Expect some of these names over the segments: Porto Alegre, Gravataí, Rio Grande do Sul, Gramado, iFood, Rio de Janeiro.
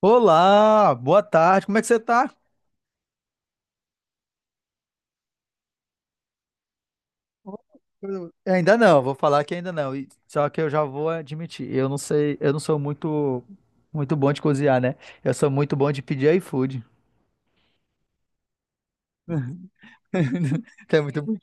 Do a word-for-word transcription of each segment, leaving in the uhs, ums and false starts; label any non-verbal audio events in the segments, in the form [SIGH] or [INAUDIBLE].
Olá, boa tarde, como é que você tá? Ainda não, vou falar que ainda não. e- Só que eu já vou admitir, eu não sei, eu não sou muito muito bom de cozinhar, né? Eu sou muito bom de pedir iFood. [LAUGHS] Você é muito bom.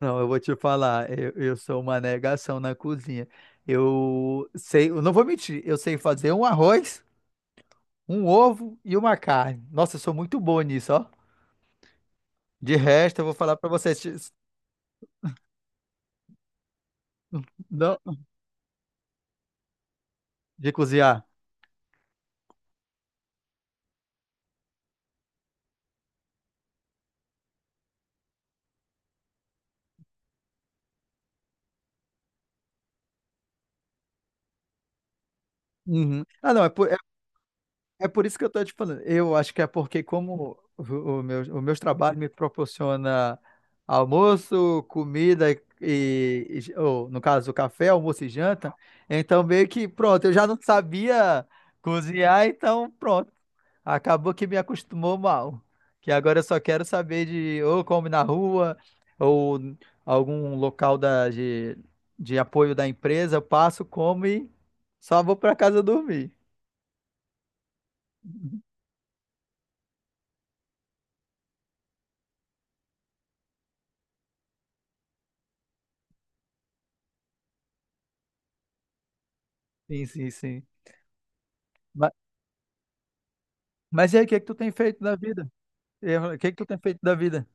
Não, eu vou te falar, eu, eu sou uma negação na cozinha. Eu sei, eu não vou mentir, eu sei fazer um arroz, um ovo e uma carne. Nossa, eu sou muito bom nisso, ó. De resto, eu vou falar pra vocês, não, de cozinhar. Uhum. Ah, não, é, é por isso que eu tô te falando. Eu acho que é porque como o, o meu, o meus trabalhos me proporciona almoço, comida e, e- ou, no caso, café, almoço e janta, então meio que pronto, eu já não sabia cozinhar, então pronto. Acabou que me acostumou mal. Que agora eu só quero saber de ou come na rua ou algum local da, de, de apoio da empresa, eu passo, como e só vou para casa dormir. Sim, sim, sim. Mas e aí, o que é que tu tem feito da vida? Eu- O que é que tu tem feito da vida?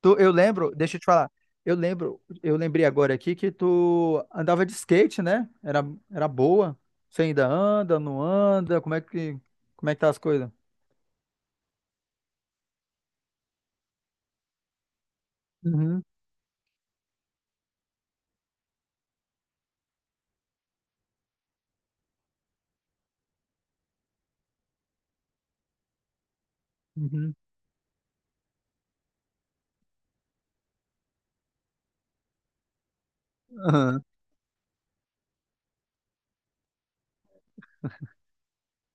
Tu, eu lembro, deixa eu te falar. Eu lembro, eu lembrei agora aqui que tu andava de skate, né? Era, era boa. Você ainda anda, não anda? Como é que, como é que tá as coisas? Uhum, uhum. Aham,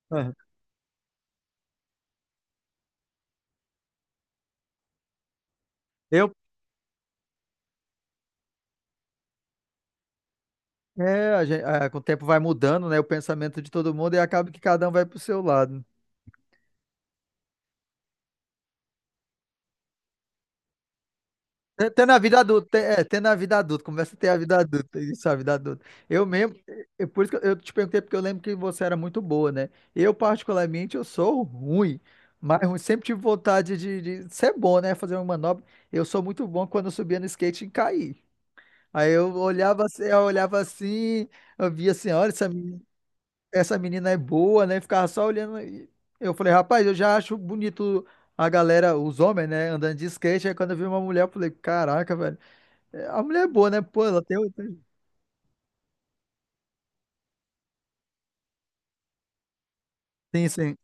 aham. Eu, é, a gen- é, com o tempo vai mudando, né? O pensamento de todo mundo e acaba que cada um vai pro seu lado, né? Tem tem na vida adulta, tem, é, tem na vida adulta, começa a ter a vida adulta, isso, a vida adulta. Eu mesmo, eu, por isso que eu te perguntei, porque eu lembro que você era muito boa, né? Eu, particularmente, eu sou ruim, mas eu sempre tive vontade de, de ser bom, né? Fazer uma manobra. Eu sou muito bom quando eu subia no skate e caí. Aí eu olhava, assim- eu olhava assim, eu via assim, olha, essa, meni- essa menina é boa, né? Ficava só olhando. e Eu falei, rapaz, eu já acho bonito a galera, os homens, né, andando de skate. Aí quando eu vi uma mulher, eu falei, caraca, velho. É, a mulher é boa, né? Pô, ela tem. o- tem- Sim, sim.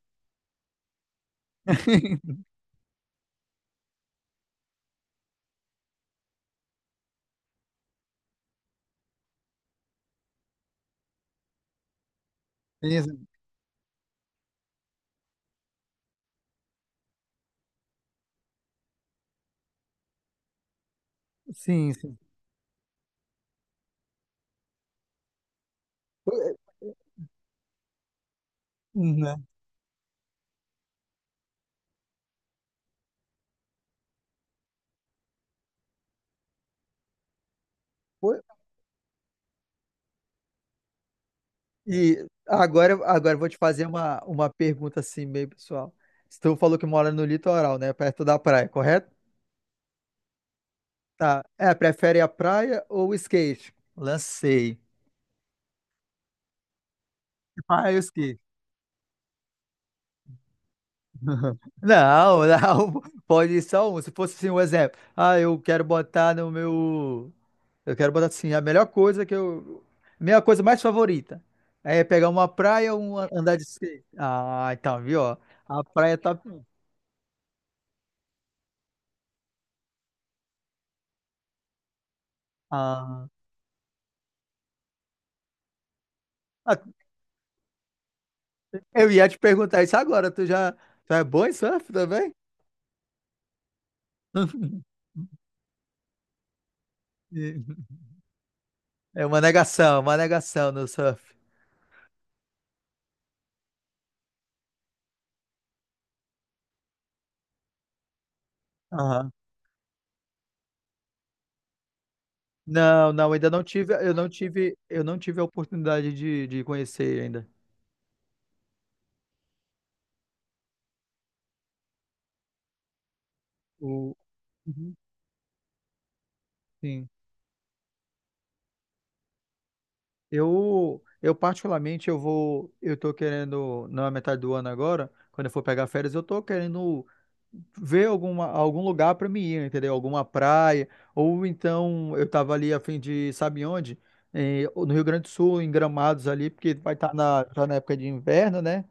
[LAUGHS] Tem sim, sim. Pô, é, né? Pô, e agora, agora eu vou te fazer uma, uma pergunta assim, meio pessoal. Se tu falou que mora no litoral, né? Perto da praia, correto? Tá. É, prefere a praia ou o skate? Lancei. Ah, eu skate. Não, [LAUGHS] não, pode ir só um. Se fosse assim um exemplo, ah, eu quero botar no meu, eu quero botar assim, a melhor coisa que eu, minha coisa mais favorita é pegar uma praia ou um andar de skate. Ah, então, viu, ó, a praia tá, ah, ah, eu ia te perguntar isso agora, tu já, tu é bom em surf também? [LAUGHS] É uma negação, uma negação no surf. Não, não, ainda não tive, eu não tive, eu não tive a oportunidade de, de conhecer ainda. O, uhum. Sim. Eu, eu particularmente, eu vou, eu tô querendo, na metade do ano agora, quando eu for pegar férias, eu tô querendo ver alguma, algum lugar para mim ir, entendeu? Alguma praia, ou então eu tava ali a fim de, sabe onde? Eh, no Rio Grande do Sul, em Gramados ali, porque vai estar na, tá na época de inverno, né?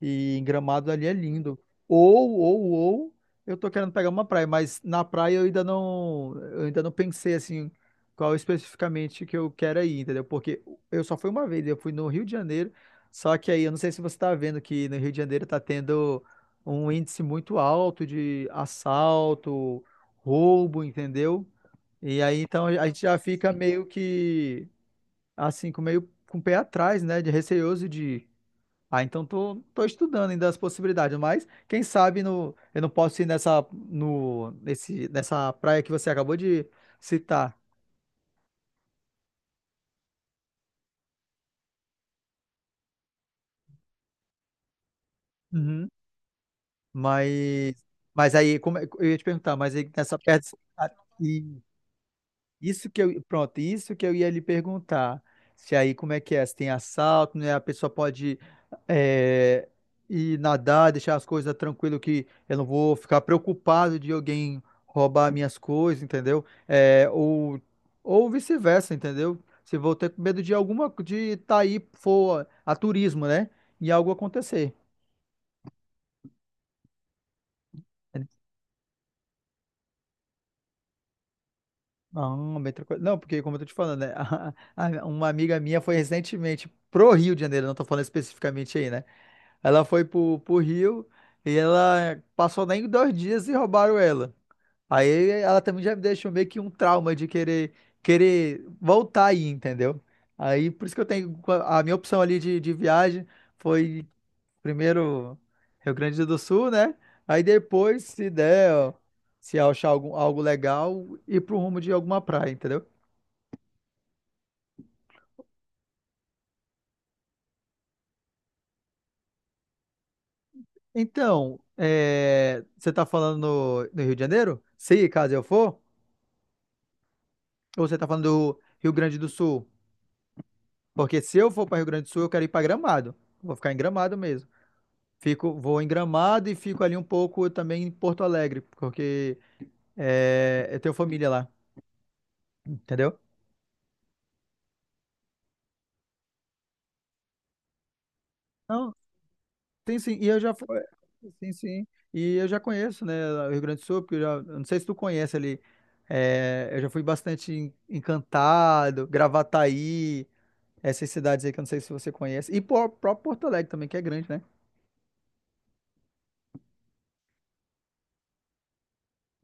E em Gramados ali é lindo. Ou, ou, ou, eu tô querendo pegar uma praia, mas na praia eu ainda não, eu ainda não pensei assim qual especificamente que eu quero ir, entendeu? Porque eu só fui uma vez, eu fui no Rio de Janeiro, só que aí eu não sei se você está vendo que no Rio de Janeiro está tendo um índice muito alto de assalto, roubo, entendeu? E aí então a gente já fica meio que assim, com meio com o pé atrás, né, de receoso de. Ah, então tô, tô estudando ainda as possibilidades, mas quem sabe no, eu não posso ir nessa no nesse nessa praia que você acabou de citar. Uhum. Mas, mas aí, como é- eu ia te perguntar, mas aí nessa perto. a- e Isso que eu, pronto, isso que eu ia lhe perguntar. Se aí, como é que é? Se tem assalto, né? A pessoa pode é, ir nadar, deixar as coisas tranquilo, que eu não vou ficar preocupado de alguém roubar minhas coisas, entendeu? É, ou ou vice-versa, entendeu? Se vou ter medo de alguma, de estar aí, for a turismo, né? E algo acontecer. Ah, bem tranquilo. Não, porque como eu tô te falando, né? [LAUGHS] A- a- uma amiga minha foi recentemente pro Rio de Janeiro, não tô falando especificamente aí, né? Ela foi pro, pro Rio e ela passou nem dois dias e roubaram ela. Aí ela também já me deixou meio que um trauma de querer, querer voltar aí, entendeu? Aí por isso que eu tenho a minha opção ali de, de viagem foi primeiro Rio Grande do Sul, né? Aí depois, se der, ó, se achar algum, algo legal, ir pro rumo de alguma praia, entendeu? Então, é, você está falando no, no Rio de Janeiro? Se caso eu for, ou você está falando do Rio Grande do Sul? Porque se eu for para Rio Grande do Sul, eu quero ir para Gramado. Vou ficar em Gramado mesmo. Fico, vou em Gramado e fico ali um pouco também em Porto Alegre, porque é, eu tenho família lá, entendeu? Não, tem sim. E eu já fui, sim, sim. E eu já conheço, né, o Rio Grande do Sul, porque eu já, eu não sei se tu conhece ali. É, eu já fui bastante em- encantado, Gravataí. Essas cidades aí que eu não sei se você conhece. E por- próprio Porto Alegre também, que é grande, né?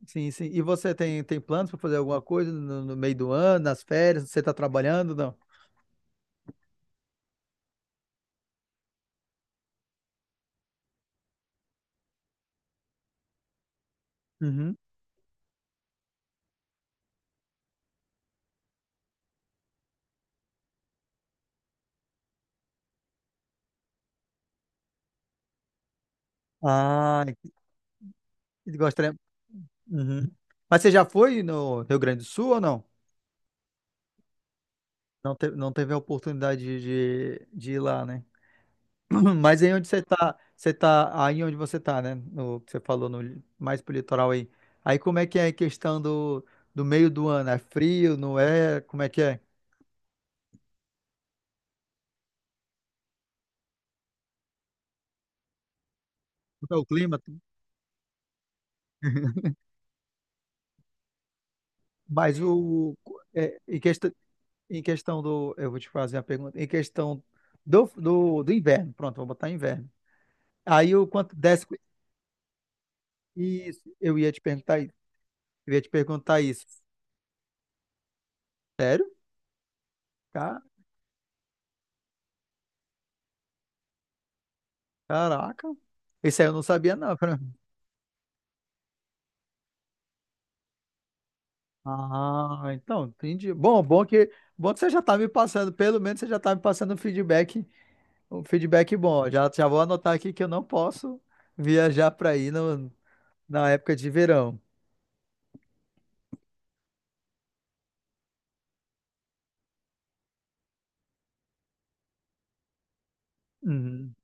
Sim, sim. E você tem, tem planos para fazer alguma coisa no, no meio do ano, nas férias? Você está trabalhando? Não? Uhum. Ah, e gostaria. Uhum. Mas você já foi no Rio Grande do Sul ou não? Não, te- não teve a oportunidade de, de, de ir lá, né? [CLEARS THROAT] Mas aí onde você tá, você tá, aí onde você tá, né? No que você falou, no, mais pro litoral aí. Aí como é que é a questão do, do meio do ano? É frio, não é? Como é que é? Como é o clima? Mas o é, em questão em questão do eu vou te fazer a pergunta em questão do, do, do inverno, pronto, vou botar inverno. Aí o quanto desce isso, eu ia te perguntar isso, eu ia te perguntar isso. Sério? Ca- Caraca. Isso aí eu não sabia não. Fran. Ah, então, entendi. Bom, bom que bom que você já tá me passando, pelo menos você já tá me passando um feedback, um feedback bom. Já já vou anotar aqui que eu não posso viajar para aí no, na época de verão. Uhum.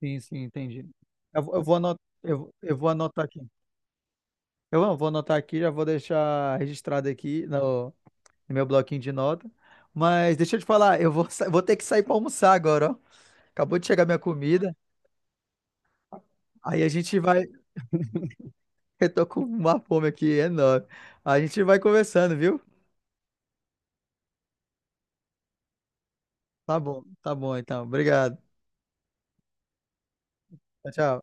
Sim, sim, entendi. Eu, vou- eu vou anotar, eu, eu vou anotar aqui. Eu vou vou anotar aqui, já vou deixar registrado aqui no, no meu bloquinho de nota. Mas deixa eu te falar, eu vou, sa- vou ter que sair para almoçar agora, ó. Acabou de chegar minha comida. Aí a gente vai. [LAUGHS] Eu tô com uma fome aqui enorme. A gente vai conversando, viu? Tá bom, tá bom então. Obrigado. Tchau, tchau.